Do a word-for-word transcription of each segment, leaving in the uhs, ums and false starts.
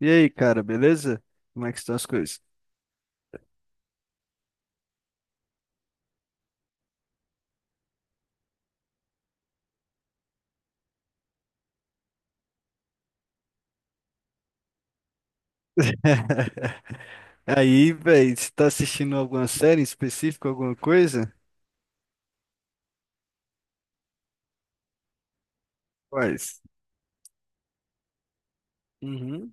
E aí, cara, beleza? Como é que estão as coisas? Aí, velho, você tá assistindo alguma série em específico, alguma coisa? Quais? Uhum.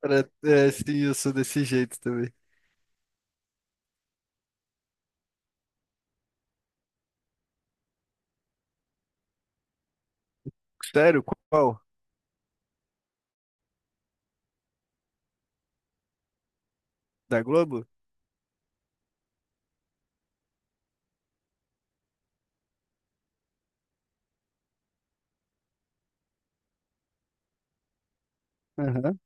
Pra- É, sim, eu sou desse jeito também. Sério? Qual? Da Globo? Aham.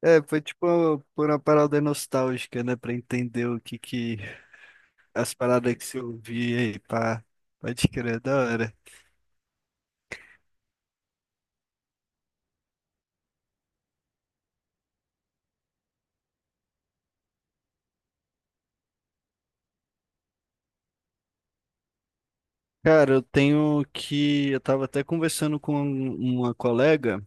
É, foi tipo uma- por uma parada nostálgica, né? Pra entender o que que... As paradas que você ouvia aí, pá. Pode crer, é da hora. Cara, eu tenho que... Eu tava até conversando com um, uma colega...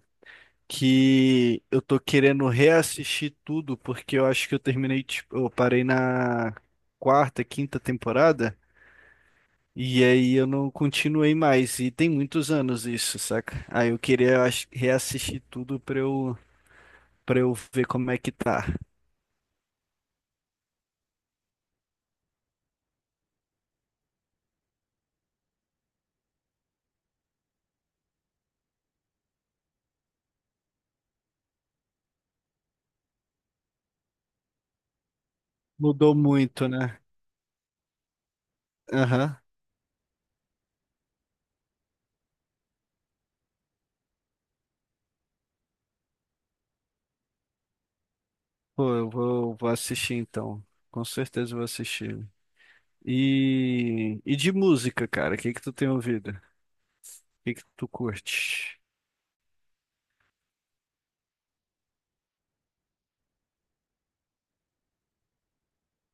que eu tô querendo reassistir tudo, porque eu acho que eu terminei, tipo, eu parei na quarta, quinta temporada, e aí eu não continuei mais, e tem muitos anos isso, saca? Aí eu queria eu acho, reassistir tudo pra eu, pra eu ver como é que tá. Mudou muito, né? Aham. Pô, eu vou, vou assistir então. Com certeza eu vou assistir. E, e de música, cara, o que que tu tem ouvido? O que que tu curte?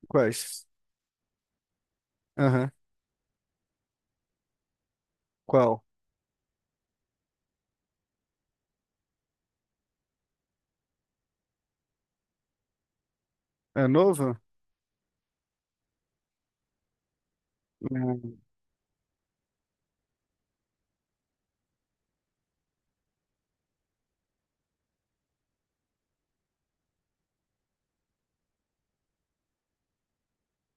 Quais? Aham. Qual? É novo? Não.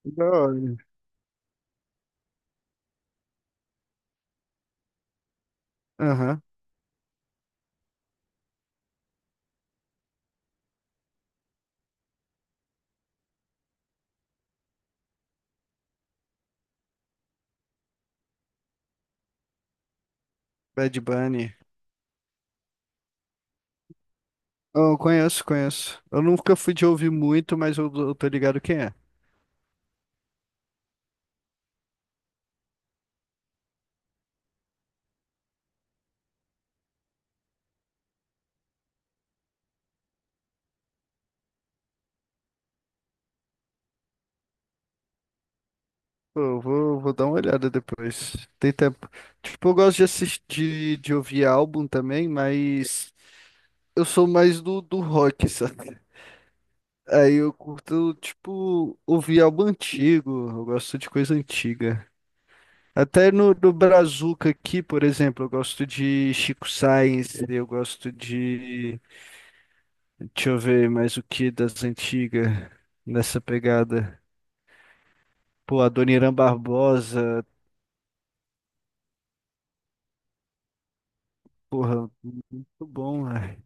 Da hora. Aham. Bad Bunny. Oh, conheço, conheço. Eu nunca fui de ouvir muito, mas eu, eu tô ligado quem é. Pô, eu vou, vou dar uma olhada depois. Tem tempo. Tipo, eu gosto de assistir, de, de ouvir álbum também, mas eu sou mais do, do rock, sabe? Aí eu curto, tipo, ouvir álbum antigo. Eu gosto de coisa antiga. Até no, no Brazuca aqui, por exemplo, eu gosto de Chico Sainz, eu gosto de. Deixa eu ver mais o que das antigas nessa pegada. Pô, a Dona Irã Barbosa, porra, muito bom, velho.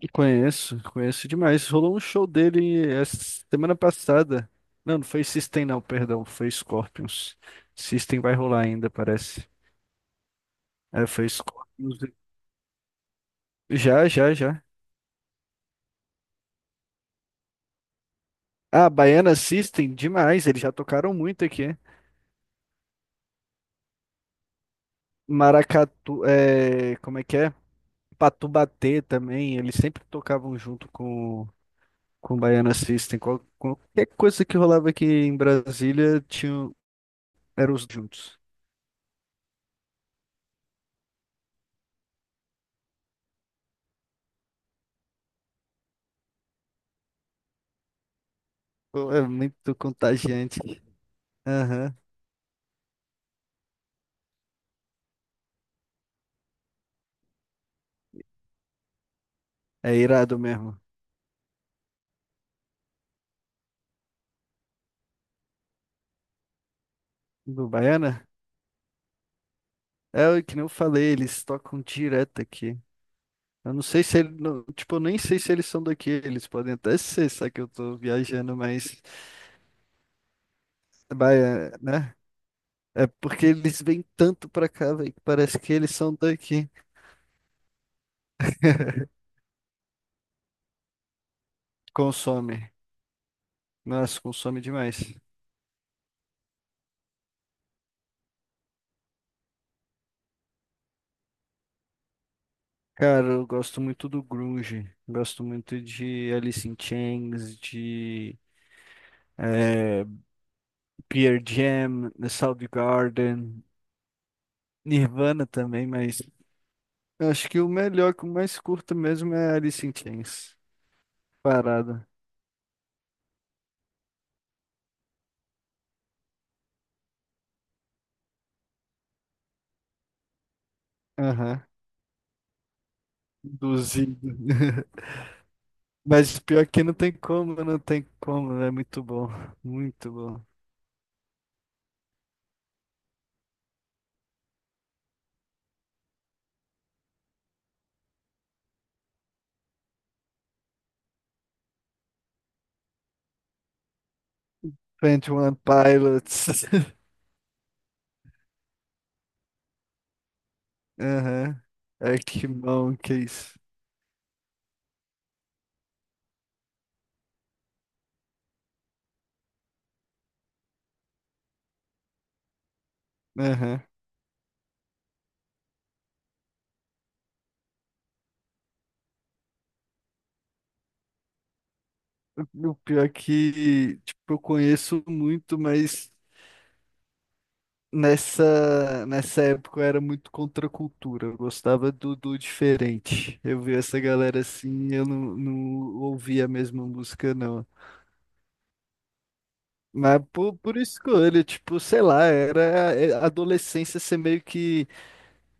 E conheço, conheço demais. Rolou um show dele essa semana passada. Não, não foi System, não, perdão, foi Scorpions. System vai rolar ainda, parece. É, foi Scorpions. Já, já, já. Ah, Baiana System, demais, eles já tocaram muito aqui. Maracatu, é, como é que é? Patubatê também, eles sempre tocavam junto com com o Baiana System, qual- qualquer coisa que rolava aqui em Brasília, tinha, eram os juntos. Pô, é muito contagiante. Aham, é irado mesmo. Do Baiana? É o que nem eu falei, eles tocam direto aqui. Eu não sei se eles, tipo, eu nem sei se eles são daqui, eles podem até ser, só que eu tô viajando, mas Baiana, né? É porque eles vêm tanto pra cá, véi, que parece que eles são daqui. Consome. Nossa, consome demais. Cara, eu gosto muito do grunge, gosto muito de Alice in Chains, de eh, Pearl Jam, Soundgarden, Nirvana também, mas eu acho que o melhor, que eu mais curto mesmo é Alice in Chains, parada. Aham, induzido. Mas pior que não tem como, não tem como, é muito bom, muito bom. Twenty One Pilots, aham, Arctic Monkeys, aham. O pior é que, tipo, eu conheço muito, mas nessa, nessa época eu era muito contra a cultura. Eu gostava do, do diferente. Eu via essa galera assim, eu não, não ouvia a mesma música, não. Mas por, por escolha, tipo, sei lá, era é, adolescência, você meio que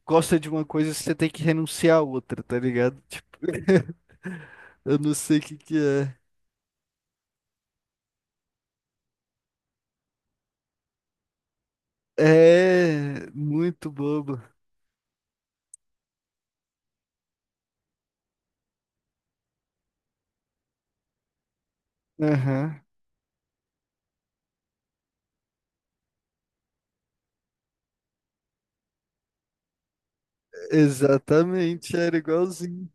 gosta de uma coisa, você tem que renunciar a outra, tá ligado? Tipo, eu não sei o que que é. É muito bobo. Aham. Exatamente, era igualzinho.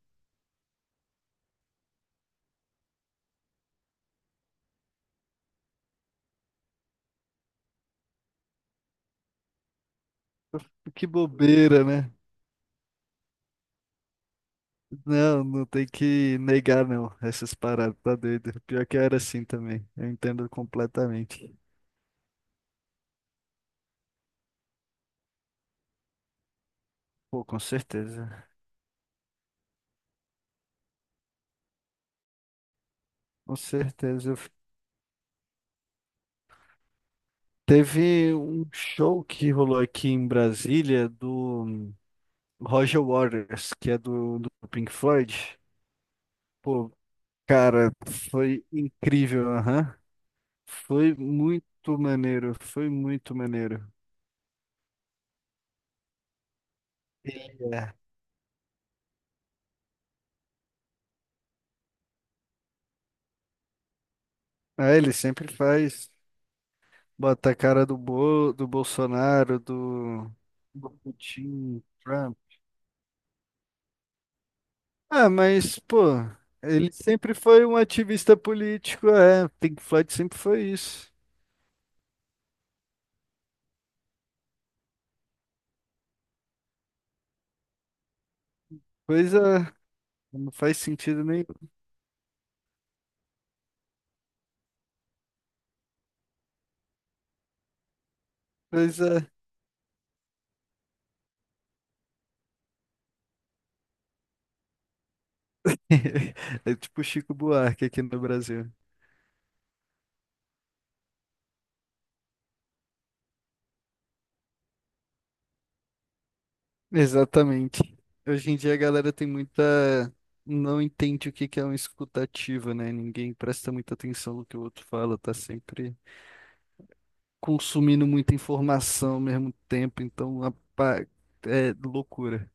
Que bobeira, né? Não, não tem que negar, não. Essas paradas, tá doido. Pior que eu era assim também. Eu entendo completamente. Pô, com certeza. Com certeza. Eu f- Teve um show que rolou aqui em Brasília do Roger Waters, que é do, do Pink Floyd. Pô, cara, foi incrível, aham. Foi muito maneiro, foi muito maneiro. Ele é. É, ele sempre faz. Bota a cara do, Bo, do Bolsonaro, do, do Putin, Trump. Ah, mas, pô, ele sempre foi um ativista político, é. Pink Floyd sempre foi isso. Coisa. Não faz sentido nenhum. Coisa. É tipo Chico Buarque aqui no Brasil. Exatamente. Hoje em dia a galera tem muita. Não entende o que que é uma escutativa, né? Ninguém presta muita atenção no que o outro fala, tá sempre. Consumindo muita informação ao mesmo tempo, então apa- é loucura.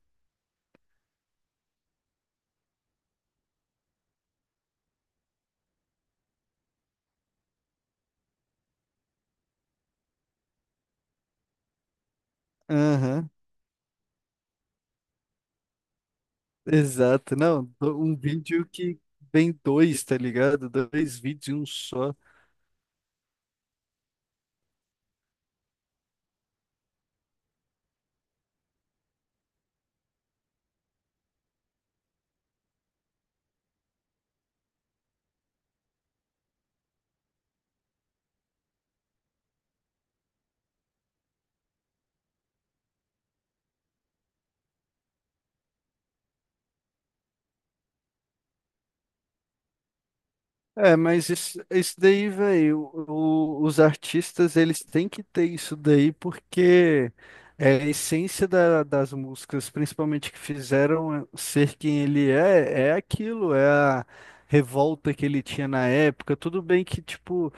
Aham, exato. Não, do- um vídeo que vem dois, tá ligado? Dois vídeos em um só. É, mas isso, isso daí, velho, os artistas, eles têm que ter isso daí porque é a essência da- das músicas, principalmente que fizeram ser quem ele é, é aquilo, é a revolta que ele tinha na época. Tudo bem que, tipo,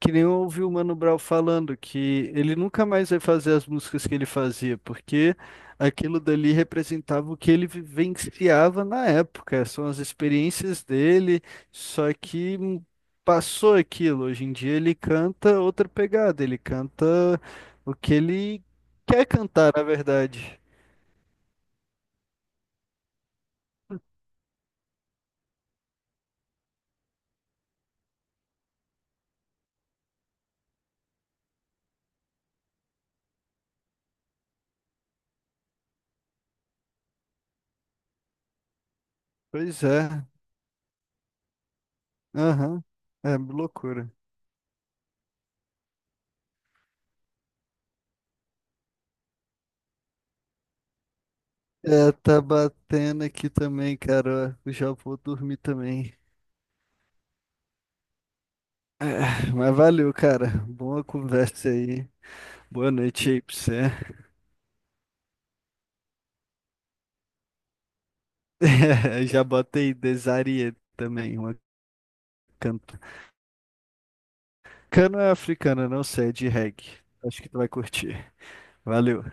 que nem eu ouvi o Mano Brown falando que ele nunca mais vai fazer as músicas que ele fazia, porque aquilo dali representava o que ele vivenciava na época, são as experiências dele, só que hum, passou aquilo. Hoje em dia ele canta outra pegada, ele canta o que ele quer cantar, na verdade. Pois é, aham, é loucura. É, tá batendo aqui também, cara. Ó, eu já vou dormir também. É, mas valeu, cara. Boa conversa aí. Boa noite aí pra você. É, já botei Desarié também, uma canto. Cana africana, não sei, é de reggae. Acho que tu vai curtir. Valeu.